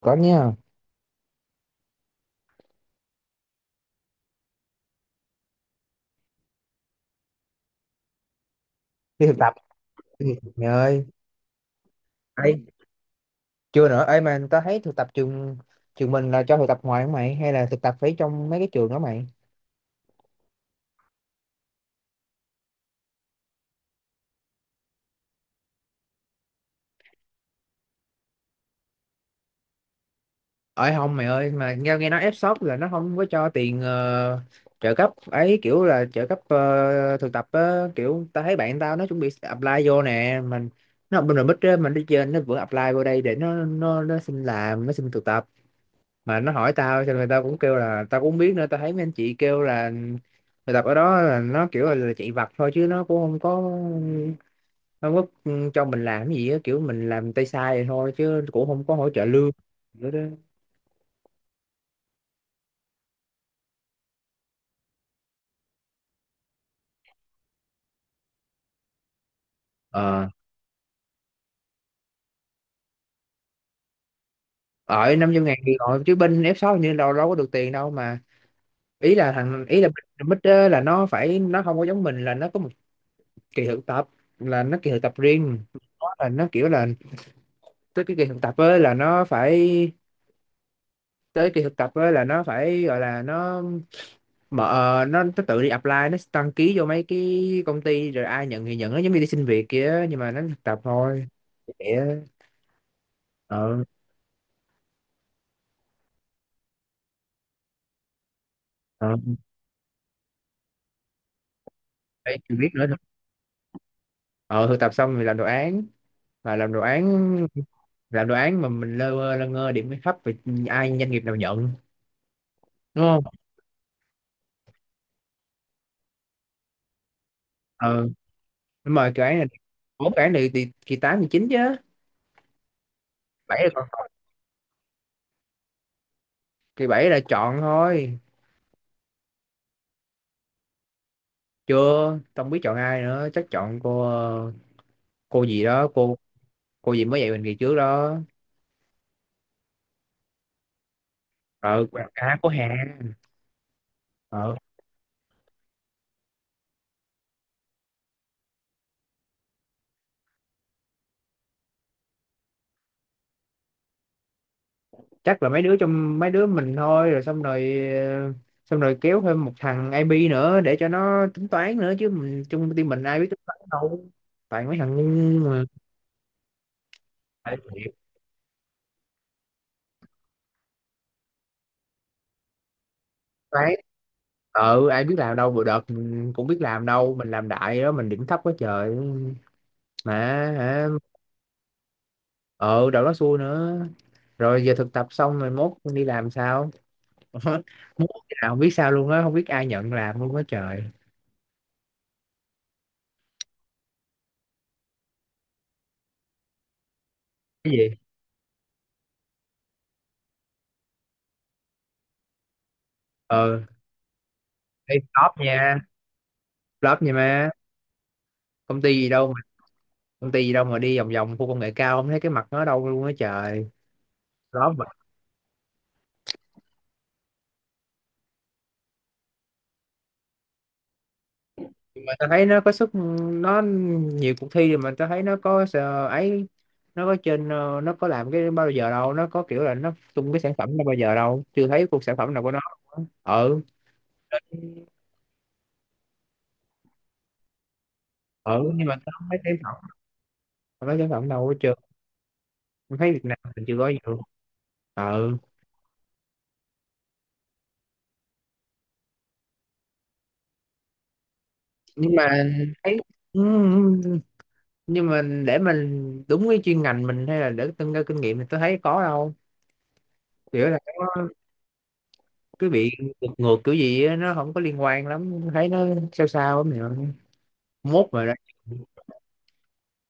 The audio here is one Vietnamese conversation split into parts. Có nha. Đi thực tập, đi thực tập mày ơi. Ấy chưa nữa ấy, mà tao thấy thực tập trường trường mình là cho thực tập ngoài không mày, hay là thực tập phải trong mấy cái trường đó mày? Ấy không mày ơi, mà nghe nghe nói F-shop là nó không có cho tiền, trợ cấp ấy, kiểu là trợ cấp thực tập á, kiểu tao thấy bạn tao nó chuẩn bị apply vô nè. Mình nó học bên rồi bích á, mình đi trên nó vẫn apply vô đây để nó xin làm, nó xin thực tập. Mà nó hỏi tao cho nên tao cũng kêu là tao cũng không biết nữa. Tao thấy mấy anh chị kêu là bài tập ở đó là nó kiểu là chạy vặt thôi, chứ nó cũng không có cho mình làm cái gì á, kiểu mình làm tay sai vậy thôi, chứ cũng không có hỗ trợ lương nữa đó. ờ Ở 500 ngàn thì rồi, chứ bên F6 hình như đâu đâu có được tiền đâu mà. Ý là thằng, ý là Big Big á, là nó phải, nó không có giống mình, là nó có một kỳ thực tập, là nó kỳ thực tập riêng. Nó là nó kiểu là tới cái kỳ thực tập ấy là nó phải, tới kỳ thực tập á là nó phải, gọi là nó mở nó tự đi apply, nó đăng ký vô mấy cái công ty rồi ai nhận thì nhận, nó giống như đi xin việc kia nhưng mà nó thực tập thôi. Để. ờ ờ Phải chưa biết nữa thôi. Ờ Thực tập xong thì làm đồ án. Mà làm đồ án, làm đồ án mà mình lơ mơ lơ ngơ điểm thấp thì ai doanh nghiệp nào nhận, đúng không? ờ Đúng rồi, cái án này, bốn cái án này thì kỳ tám kỳ chín chứ, bảy là còn, kỳ bảy là chọn thôi. Chưa, không biết chọn ai nữa, chắc chọn cô, cô gì đó, cô gì mới dạy mình kỳ trước đó. ờ À, cô Hà. ờ Chắc là mấy đứa, trong mấy đứa mình thôi, rồi xong rồi, xong rồi kéo thêm một thằng IB nữa để cho nó tính toán nữa, chứ mình chung team mình ai biết tính toán đâu, toàn mấy thằng ngu mà. Tại thiệt, toán ai biết làm đâu, vừa đợt mình cũng biết làm đâu, mình làm đại đó mình điểm thấp quá trời mà. Hả? Ờ Đầu đó xui nữa. Rồi giờ thực tập xong rồi mốt đi làm sao? Ờ, Muốn cái nào không biết sao luôn á, không biết ai nhận làm luôn á trời. Cái gì? ờ Hey, top nha, top nha má. Công ty gì đâu mà, công ty gì đâu mà đi vòng vòng khu công nghệ cao không thấy cái mặt nó ở đâu luôn á trời, đó mà tao thấy nó có sức, nó nhiều cuộc thi, mà tao thấy nó có sợ ấy. Nó có trên nó có làm cái bao giờ đâu, nó có kiểu là nó tung cái sản phẩm nó bao giờ đâu, chưa thấy cuộc sản phẩm nào của nó. Ừ. Ừ, nhưng mà tao không thấy sản phẩm, tao không thấy sản phẩm đâu hết trơn. Tao thấy Việt Nam mình chưa có gì luôn. Ừ, nhưng mà thấy. Ừ, ừ, nhưng mà để mình đúng cái chuyên ngành mình hay là để nâng cao kinh nghiệm thì tôi thấy có đâu, kiểu là có cái bị ngược ngược kiểu gì á, nó không có liên quan lắm, thấy nó sao sao lắm nhỉ, mốt mà ra.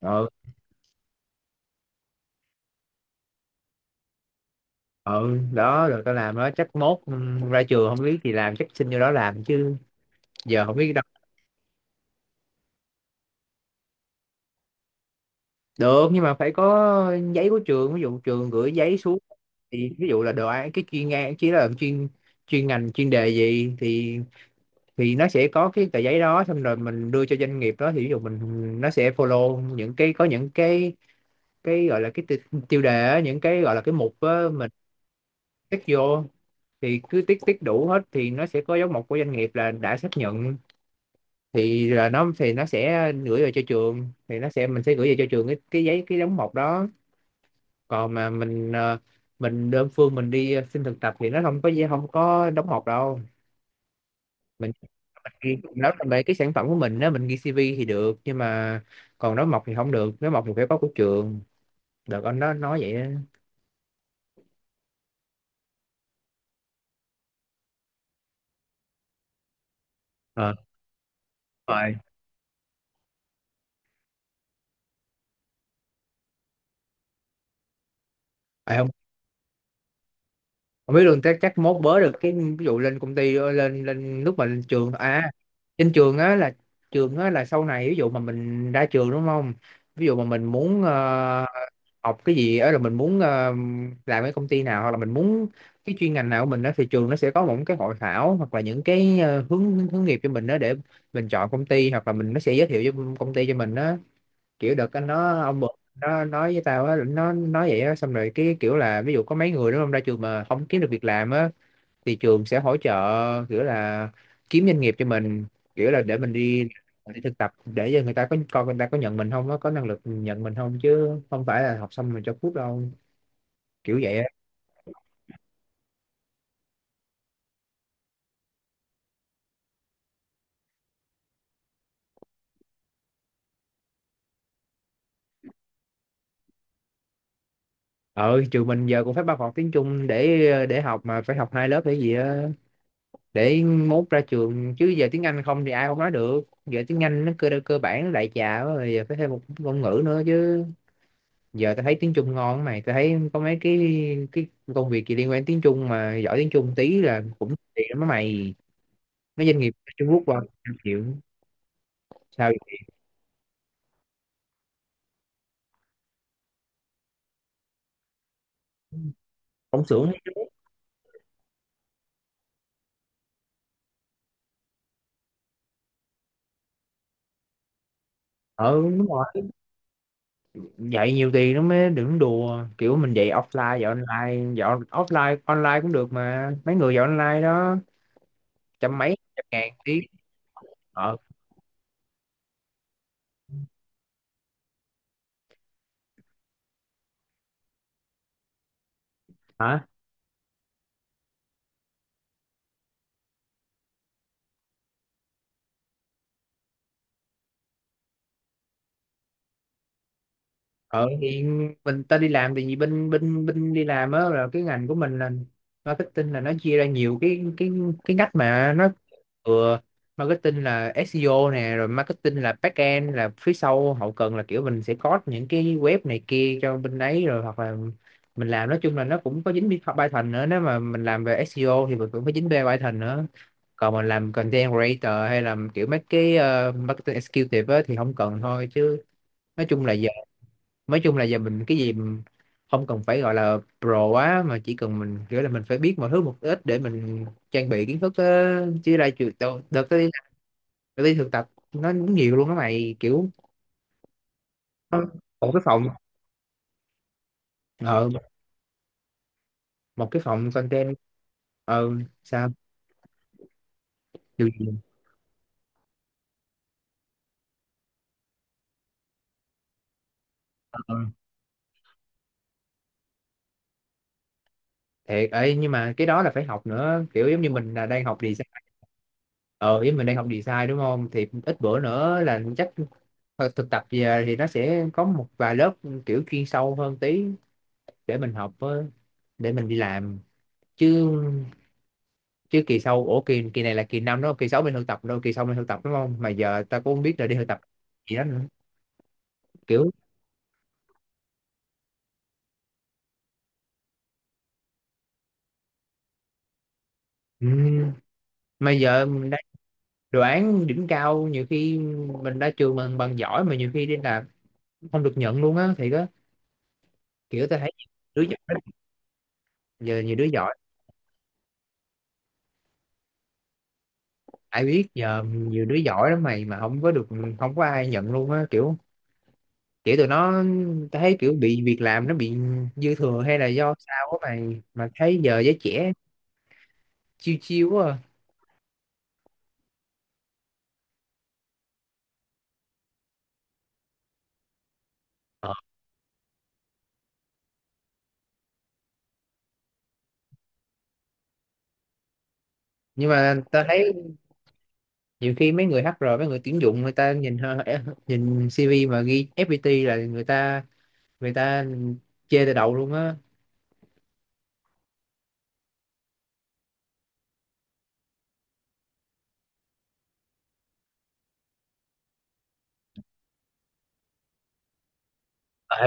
ờ ờ Đó rồi tao làm đó, chắc mốt, ra trường không biết thì làm, chắc xin vô đó làm chứ, giờ không biết đâu. Được, nhưng mà phải có giấy của trường. Ví dụ trường gửi giấy xuống thì ví dụ là đồ án cái chuyên ngành, chỉ là chuyên chuyên ngành chuyên đề gì thì nó sẽ có cái tờ giấy đó, xong rồi mình đưa cho doanh nghiệp đó, thì ví dụ mình nó sẽ follow những cái, có những cái gọi là cái tiêu đề á, những cái gọi là cái mục á, mình tick vô, thì cứ tick tick đủ hết thì nó sẽ có dấu mộc của doanh nghiệp là đã xác nhận, thì là nó, nó sẽ gửi về cho trường, thì nó sẽ mình sẽ gửi về cho trường cái giấy, cái dấu mộc đó. Còn mà mình mình đơn phương mình đi xin thực tập thì nó không có đóng mộc đâu. mình mình ghi, nếu là về cái sản phẩm của mình nếu mình ghi CV thì được, nhưng mà còn nói mộc thì không được, nói mộc thì phải có của trường. Đợt anh đó nói vậy á. ờ Đúng rồi. Ê, không biết luôn, chắc chắc mốt bớ được cái, ví dụ lên công ty, lên lên lúc mà lên trường à, trên trường á là, trường á là sau này ví dụ mà mình ra trường đúng không, ví dụ mà mình muốn học cái gì á là mình muốn làm cái công ty nào, hoặc là mình muốn cái chuyên ngành nào của mình đó, thì trường nó sẽ có một cái hội thảo hoặc là những cái hướng hướng nghiệp cho mình đó, để mình chọn công ty hoặc là mình, nó sẽ giới thiệu cho công ty cho mình đó. Kiểu đợt anh nó, ông bực nó nói với tao á, nó nói vậy á. Xong rồi cái kiểu là, ví dụ có mấy người đúng không, ra trường mà không kiếm được việc làm á thì trường sẽ hỗ trợ, kiểu là kiếm doanh nghiệp cho mình, kiểu là để mình đi đi thực tập, để cho người ta có coi, người ta có nhận mình không, nó có năng lực nhận mình không, chứ không phải là học xong rồi cho cút đâu. Kiểu vậy á. Ờ Trường mình giờ cũng phải bắt học tiếng Trung để học, mà phải học hai lớp để gì á, để mốt ra trường, chứ giờ tiếng Anh không thì ai cũng nói được, giờ tiếng Anh nó cơ cơ bản nó đại trà quá rồi, giờ phải thêm một ngôn ngữ nữa chứ. Giờ tao thấy tiếng Trung ngon mày, tao thấy có mấy cái công việc gì liên quan tiếng Trung mà giỏi tiếng Trung tí là cũng tiền lắm á mày. Mấy doanh nghiệp Trung Quốc qua trăm triệu. Sao vậy? Công xưởng thấy chứ. Ờ Đúng rồi, dạy nhiều tiền nó mới, đừng đùa, kiểu mình dạy offline, dạy online, dạy offline online cũng được mà, mấy người dạy online đó trăm mấy trăm ngàn tiếng. ờ Hả? Ờ thì mình ta đi làm thì, vì bên bên bên đi làm á, là cái ngành của mình là marketing, là nó chia ra nhiều cái ngách mà nó vừa, marketing là SEO nè, rồi marketing là back end, là phía sau hậu cần, là kiểu mình sẽ code những cái web này kia cho bên đấy, rồi hoặc là mình làm, nói chung là nó cũng có dính Python nữa, nếu mà mình làm về SEO thì mình cũng có dính về Python nữa. Còn mình làm content creator hay làm kiểu mấy cái marketing executive á, thì không cần thôi chứ. Nói chung là giờ, nói chung là giờ mình cái gì mình không cần phải gọi là pro quá, mà chỉ cần mình kiểu là mình phải biết mọi thứ một ít để mình trang bị kiến thức á. Chứ ra trường đợt, đợt tới, đợt đi thực tập nó cũng nhiều luôn á mày, kiểu nó- một cái phòng, ờ, một cái phòng content. ờ Sao? Điều gì? ờ, Thiệt ấy, nhưng mà cái đó là phải học nữa, kiểu giống như mình là đang học design. Ờ với mình đang học design đúng không, thì ít bữa nữa là chắc, thực tập về thì nó sẽ có một vài lớp kiểu chuyên sâu hơn tí để mình học với, để mình đi làm, chứ chứ kỳ sau ủa kỳ kỳ này là kỳ năm đó, kỳ sáu mình thực tập đâu, kỳ sau mình thực tập đúng không, mà giờ ta cũng không biết là đi thực tập gì đó nữa. Kiểu ừ, mà giờ mình đã đoán đỉnh cao, nhiều khi mình ra trường mình bằng giỏi mà nhiều khi đi làm không được nhận luôn á, thì có kiểu ta thấy đứa giỏi lắm. Giờ nhiều đứa giỏi, ai biết, giờ nhiều đứa giỏi lắm mày, mà không có được, không có ai nhận luôn á, kiểu kiểu tụi nó thấy kiểu bị việc làm nó bị dư thừa hay là do sao á mày, mà thấy giờ giới trẻ chiêu chiêu quá à. Ờ. Nhưng mà tao thấy nhiều khi mấy người HR, mấy người tuyển dụng người ta nhìn nhìn CV mà ghi FPT là người ta, người ta chê từ đầu luôn á. ờ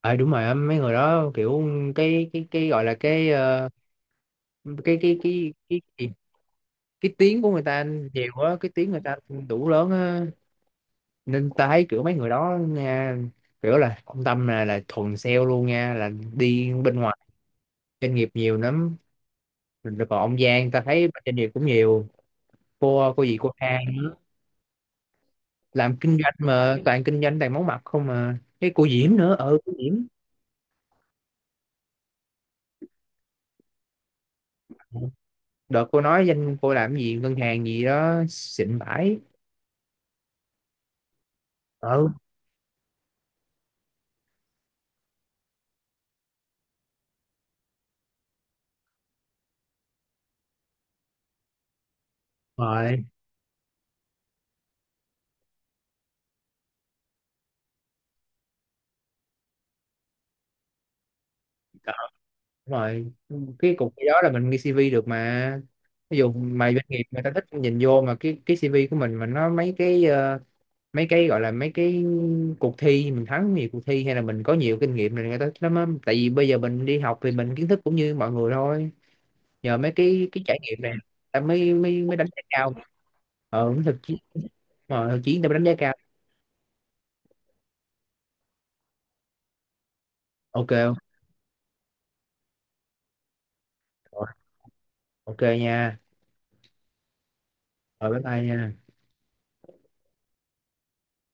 ờ Đúng rồi á, mấy người đó kiểu cái gọi là cái, cái cái cái cái cái, cái tiếng của người ta nhiều quá, cái tiếng người ta đủ lớn á, nên ta thấy kiểu mấy người đó nha, kiểu là ông Tâm là thuần sale luôn nha, là đi bên ngoài doanh nghiệp nhiều lắm. Rồi còn ông Giang ta thấy bên doanh nghiệp cũng nhiều. Cô gì, cô Khang làm kinh doanh mà toàn kinh doanh toàn món mặt không. Mà cái cô Diễm nữa, ừ cô Diễm, đợt cô nói danh cô làm gì ngân hàng gì đó xịn bãi. Ừ. Rồi. Ờ, đúng rồi, cái cục cái đó là mình ghi CV được mà. Ví dụ mà doanh nghiệp người ta thích nhìn vô mà cái CV của mình mà nó mấy cái, mấy cái gọi là mấy cái cuộc thi mình thắng nhiều cuộc thi hay là mình có nhiều kinh nghiệm này người ta lắm á. Tại vì bây giờ mình đi học thì mình kiến thức cũng như mọi người thôi, nhờ mấy cái trải nghiệm này ta mới mới mới đánh giá cao. Đúng thực chiến, mà thực chiến ta mới đánh giá cao. Ok không? Rồi, ok nha, rồi bye bye nha.